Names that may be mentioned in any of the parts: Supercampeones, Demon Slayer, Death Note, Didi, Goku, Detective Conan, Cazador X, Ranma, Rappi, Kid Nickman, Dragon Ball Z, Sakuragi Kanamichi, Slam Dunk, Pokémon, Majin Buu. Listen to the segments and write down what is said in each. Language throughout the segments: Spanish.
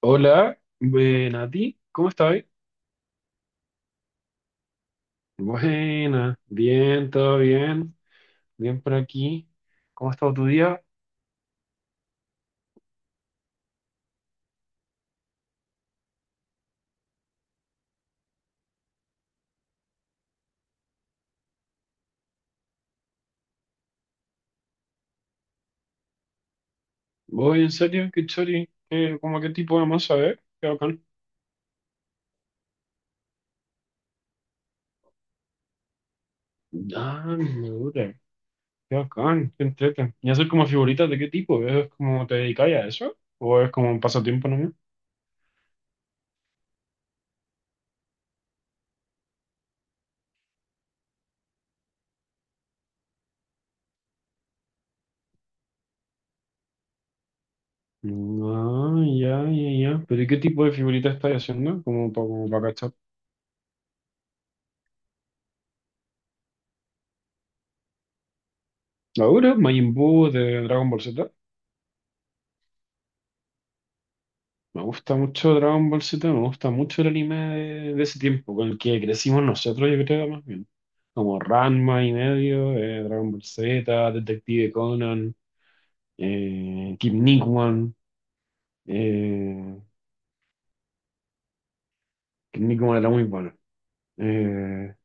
Hola, buena a ti, ¿cómo estás? Buena, bien, todo bien, bien por aquí. ¿Cómo ha estado tu día? Voy, en serio, qué chori. Cómo qué tipo de masa, Qué bacán. Ah, mira, qué bacán, qué entrete. ¿Y hacer como figuritas de qué tipo? ¿Es como te dedicáis a eso? ¿O es como un pasatiempo nomás? Ah, ya, ya, ya. ¿Pero y qué tipo de figuritas estás haciendo? Como para, como para cachar. ¿Ahora? ¿Majin Buu de Dragon Ball Z? Me gusta mucho Dragon Ball Z, me gusta mucho el anime de ese tiempo, con el que crecimos nosotros, yo creo, más bien. Como Ranma y medio, Dragon Ball Z, Detective Conan, Kid Nickman. Eh, Kid Nickman era muy bueno. Eh,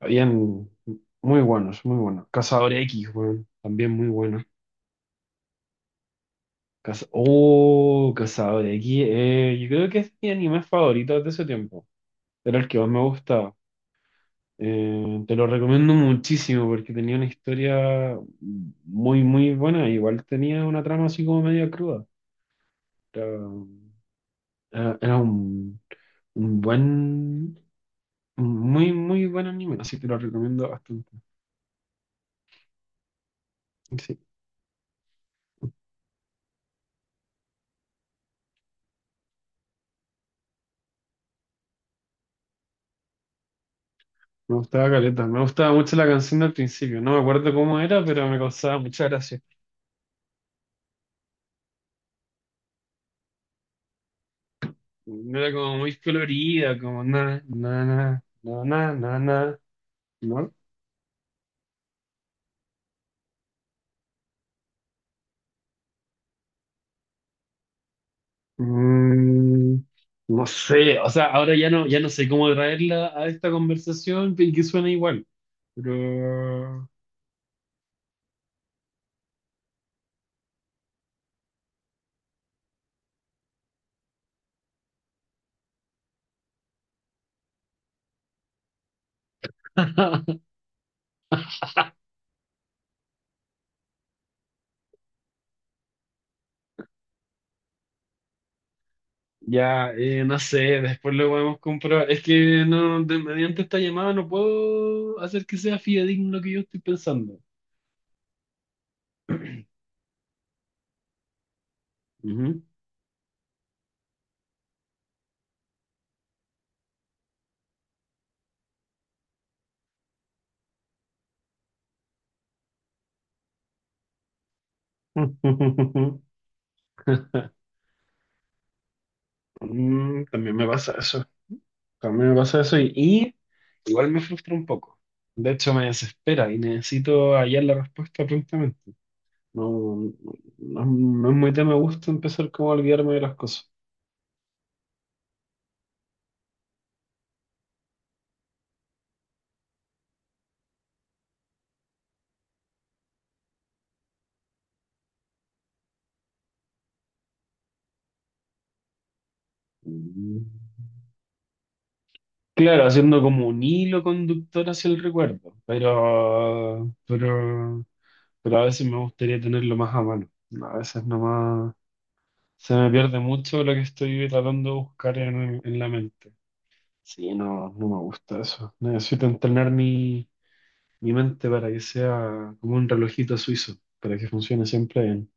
habían muy buenos, muy buenos. Cazador X, weón, también muy bueno. Cazador X, yo creo que es mi anime favorito de ese tiempo. Era el que más me gustaba. Te lo recomiendo muchísimo porque tenía una historia muy, muy buena. Igual tenía una trama así como media cruda. Era, Era un un muy, muy buen anime. Así que te lo recomiendo bastante. Sí, me gustaba caleta. Me gustaba mucho la canción del principio. No me acuerdo cómo era, pero me causaba mucha gracia. No. Era como muy colorida, como na, na, na, na, na, na, na, ¿no? Mm, no sé, o sea, ahora ya no, ya no sé cómo traerla a esta conversación y que suene igual, pero ya, no sé, después lo podemos comprobar. Es que no, mediante esta llamada no puedo hacer que sea fidedigno lo que yo estoy pensando. Ujú. Mm, también me pasa eso, también me pasa eso y igual me frustra un poco. De hecho, me desespera y necesito hallar la respuesta prontamente. No, no, no es muy de me gusta empezar como a olvidarme de las cosas. Mm. Claro, haciendo como un hilo conductor hacia el recuerdo, pero, pero a veces me gustaría tenerlo más a mano. A veces nomás se me pierde mucho lo que estoy tratando de buscar en la mente. Sí, no, no me gusta eso. Necesito entrenar mi mente para que sea como un relojito suizo, para que funcione siempre.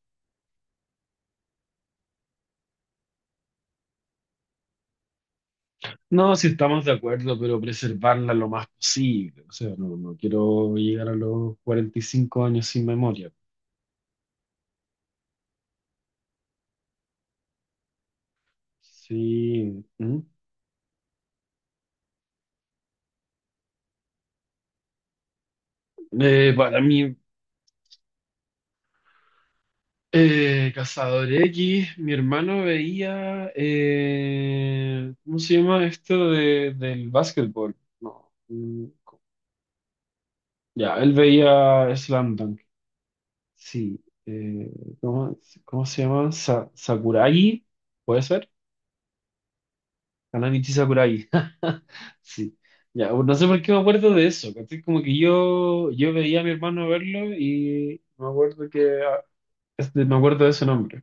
No, si estamos de acuerdo, pero preservarla lo más posible. O sea, no, no quiero llegar a los 45 años sin memoria. Sí. ¿Mm? Para mí, Cazador X, mi hermano veía, ¿cómo se llama esto del básquetbol? No. Ya, él veía Slam Dunk. Sí. eh, ¿cómo, cómo se llama? Sakuragi, ¿puede ser? Kanamichi Sakurai. Sí. Ya, bueno, no sé por qué me acuerdo de eso, ¿cachai? Como que yo veía a mi hermano verlo y me acuerdo que me acuerdo de ese nombre.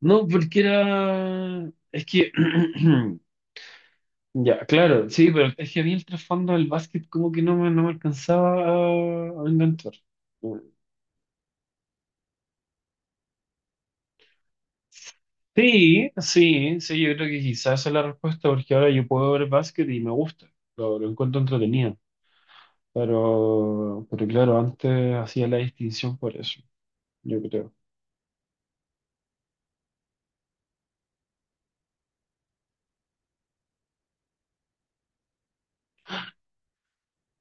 No, porque era. Es que. Ya, claro, sí, pero es que a mí el trasfondo del básquet como que no me alcanzaba a enganchar. Sí, sí, sí, yo creo que quizás esa es la respuesta, porque ahora yo puedo ver básquet y me gusta. Lo encuentro entretenido. Pero claro, antes hacía la distinción por eso, yo creo.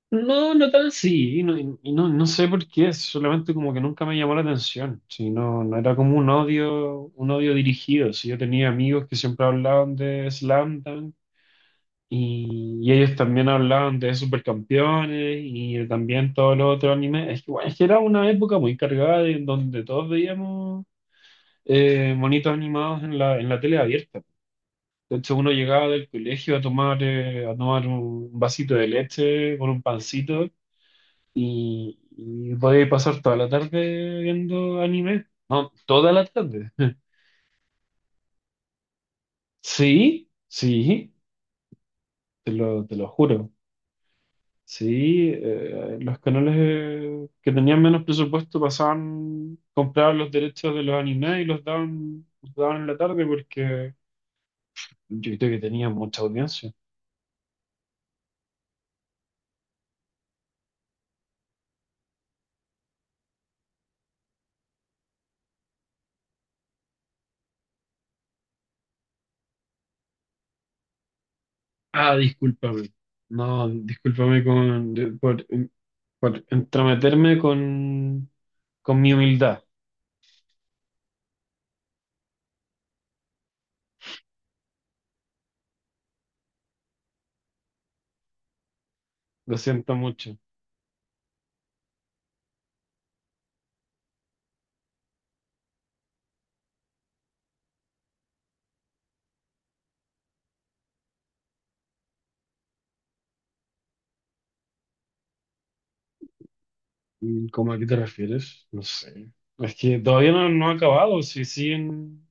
No, no tan así, y no, no sé por qué, solamente como que nunca me llamó la atención, si no, no era como un odio dirigido, si yo tenía amigos que siempre hablaban de Slam Dunk, y ellos también hablaban de Supercampeones y también todos los otros animes, es que, bueno, es que era una época muy cargada en donde todos veíamos monitos animados en en la tele abierta. De hecho, uno llegaba del colegio a tomar un vasito de leche con un pancito y podía pasar toda la tarde viendo anime. No, toda la tarde. Sí, sí, te lo juro. Sí, los canales que tenían menos presupuesto pasaban, compraban los derechos de los animes y los daban en la tarde porque yo creo que tenían mucha audiencia. Ah, discúlpame. No, discúlpame por entrometerme con mi humildad. Lo siento mucho. Mm, ¿cómo, a qué te refieres? No sé. Es que todavía no, no ha acabado, sí, siguen,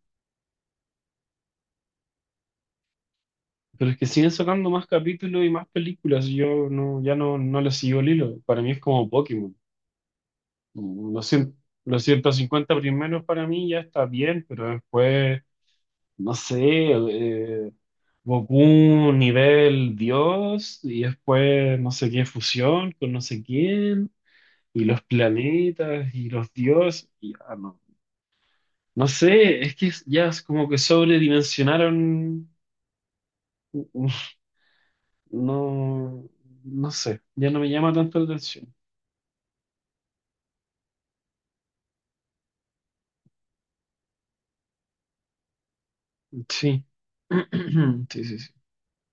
pero es que siguen sacando más capítulos y más películas. Yo no, ya no, no le sigo el hilo. Para mí es como Pokémon. Mm, Los cien- los 150 primeros para mí ya está bien, pero después, no sé, Goku nivel Dios y después no sé qué fusión con no sé quién, y los planetas y los dioses, y ah, no. No sé, es que ya es como que sobredimensionaron, u- u- no, no sé, ya no me llama tanto la atención. Sí, sí, sí, sí.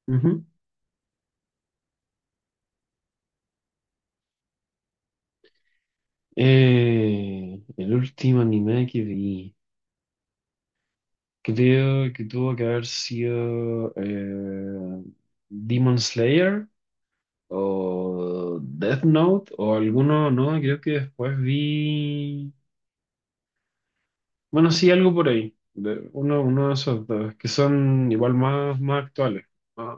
Ujú. El último anime que vi, creo que tuvo que haber sido Demon Slayer o Death Note o alguno, no, creo que después vi. Bueno, sí, algo por ahí. De uno, uno de esos dos, que son igual más, más actuales. Ah,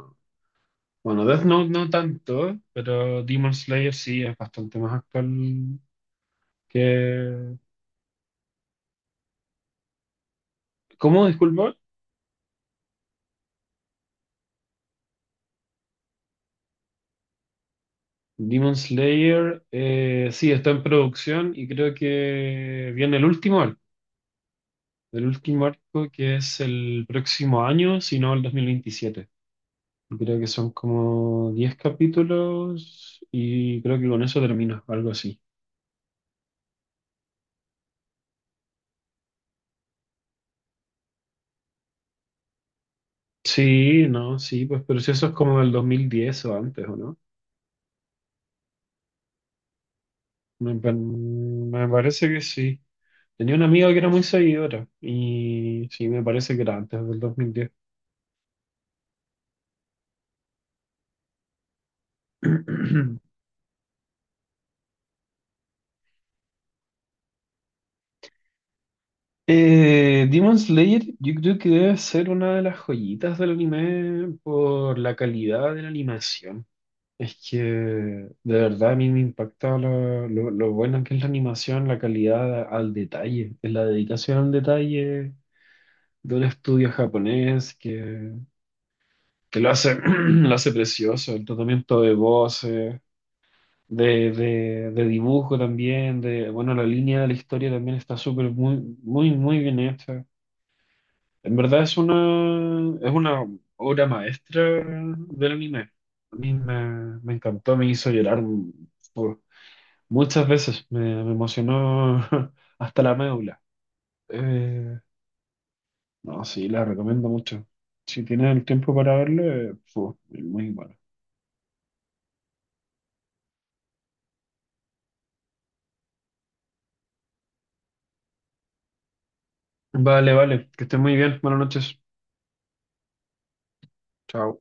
bueno, Death Note no tanto, pero Demon Slayer sí es bastante más actual que... ¿Cómo? Disculpa. Demon Slayer sí está en producción y creo que viene el último arco. El último arco que es el próximo año, si no el 2027. Creo que son como 10 capítulos y creo que con eso termina, algo así. Sí, no, sí, pues, pero si eso es como del 2010 o antes, ¿o no? Me parece que sí. Tenía una amiga que era muy seguidora y sí, me parece que era antes del 2010. Demon Slayer, yo creo que debe ser una de las joyitas del anime por la calidad de la animación. Es que de verdad a mí me impacta lo buena que es la animación, la calidad al detalle, la dedicación al detalle de un estudio japonés que lo hace, lo hace precioso, el tratamiento de voces, de dibujo también, de, bueno, la línea de la historia también está súper, muy, bien hecha. En verdad es es una obra maestra del anime. A mí me encantó, me hizo llorar por- muchas veces, me emocionó hasta la médula. Eh, No, sí, la recomiendo mucho. Si tienes el tiempo para verlo, es muy bueno. Vale, vale, que estés muy bien. Buenas noches. Chao.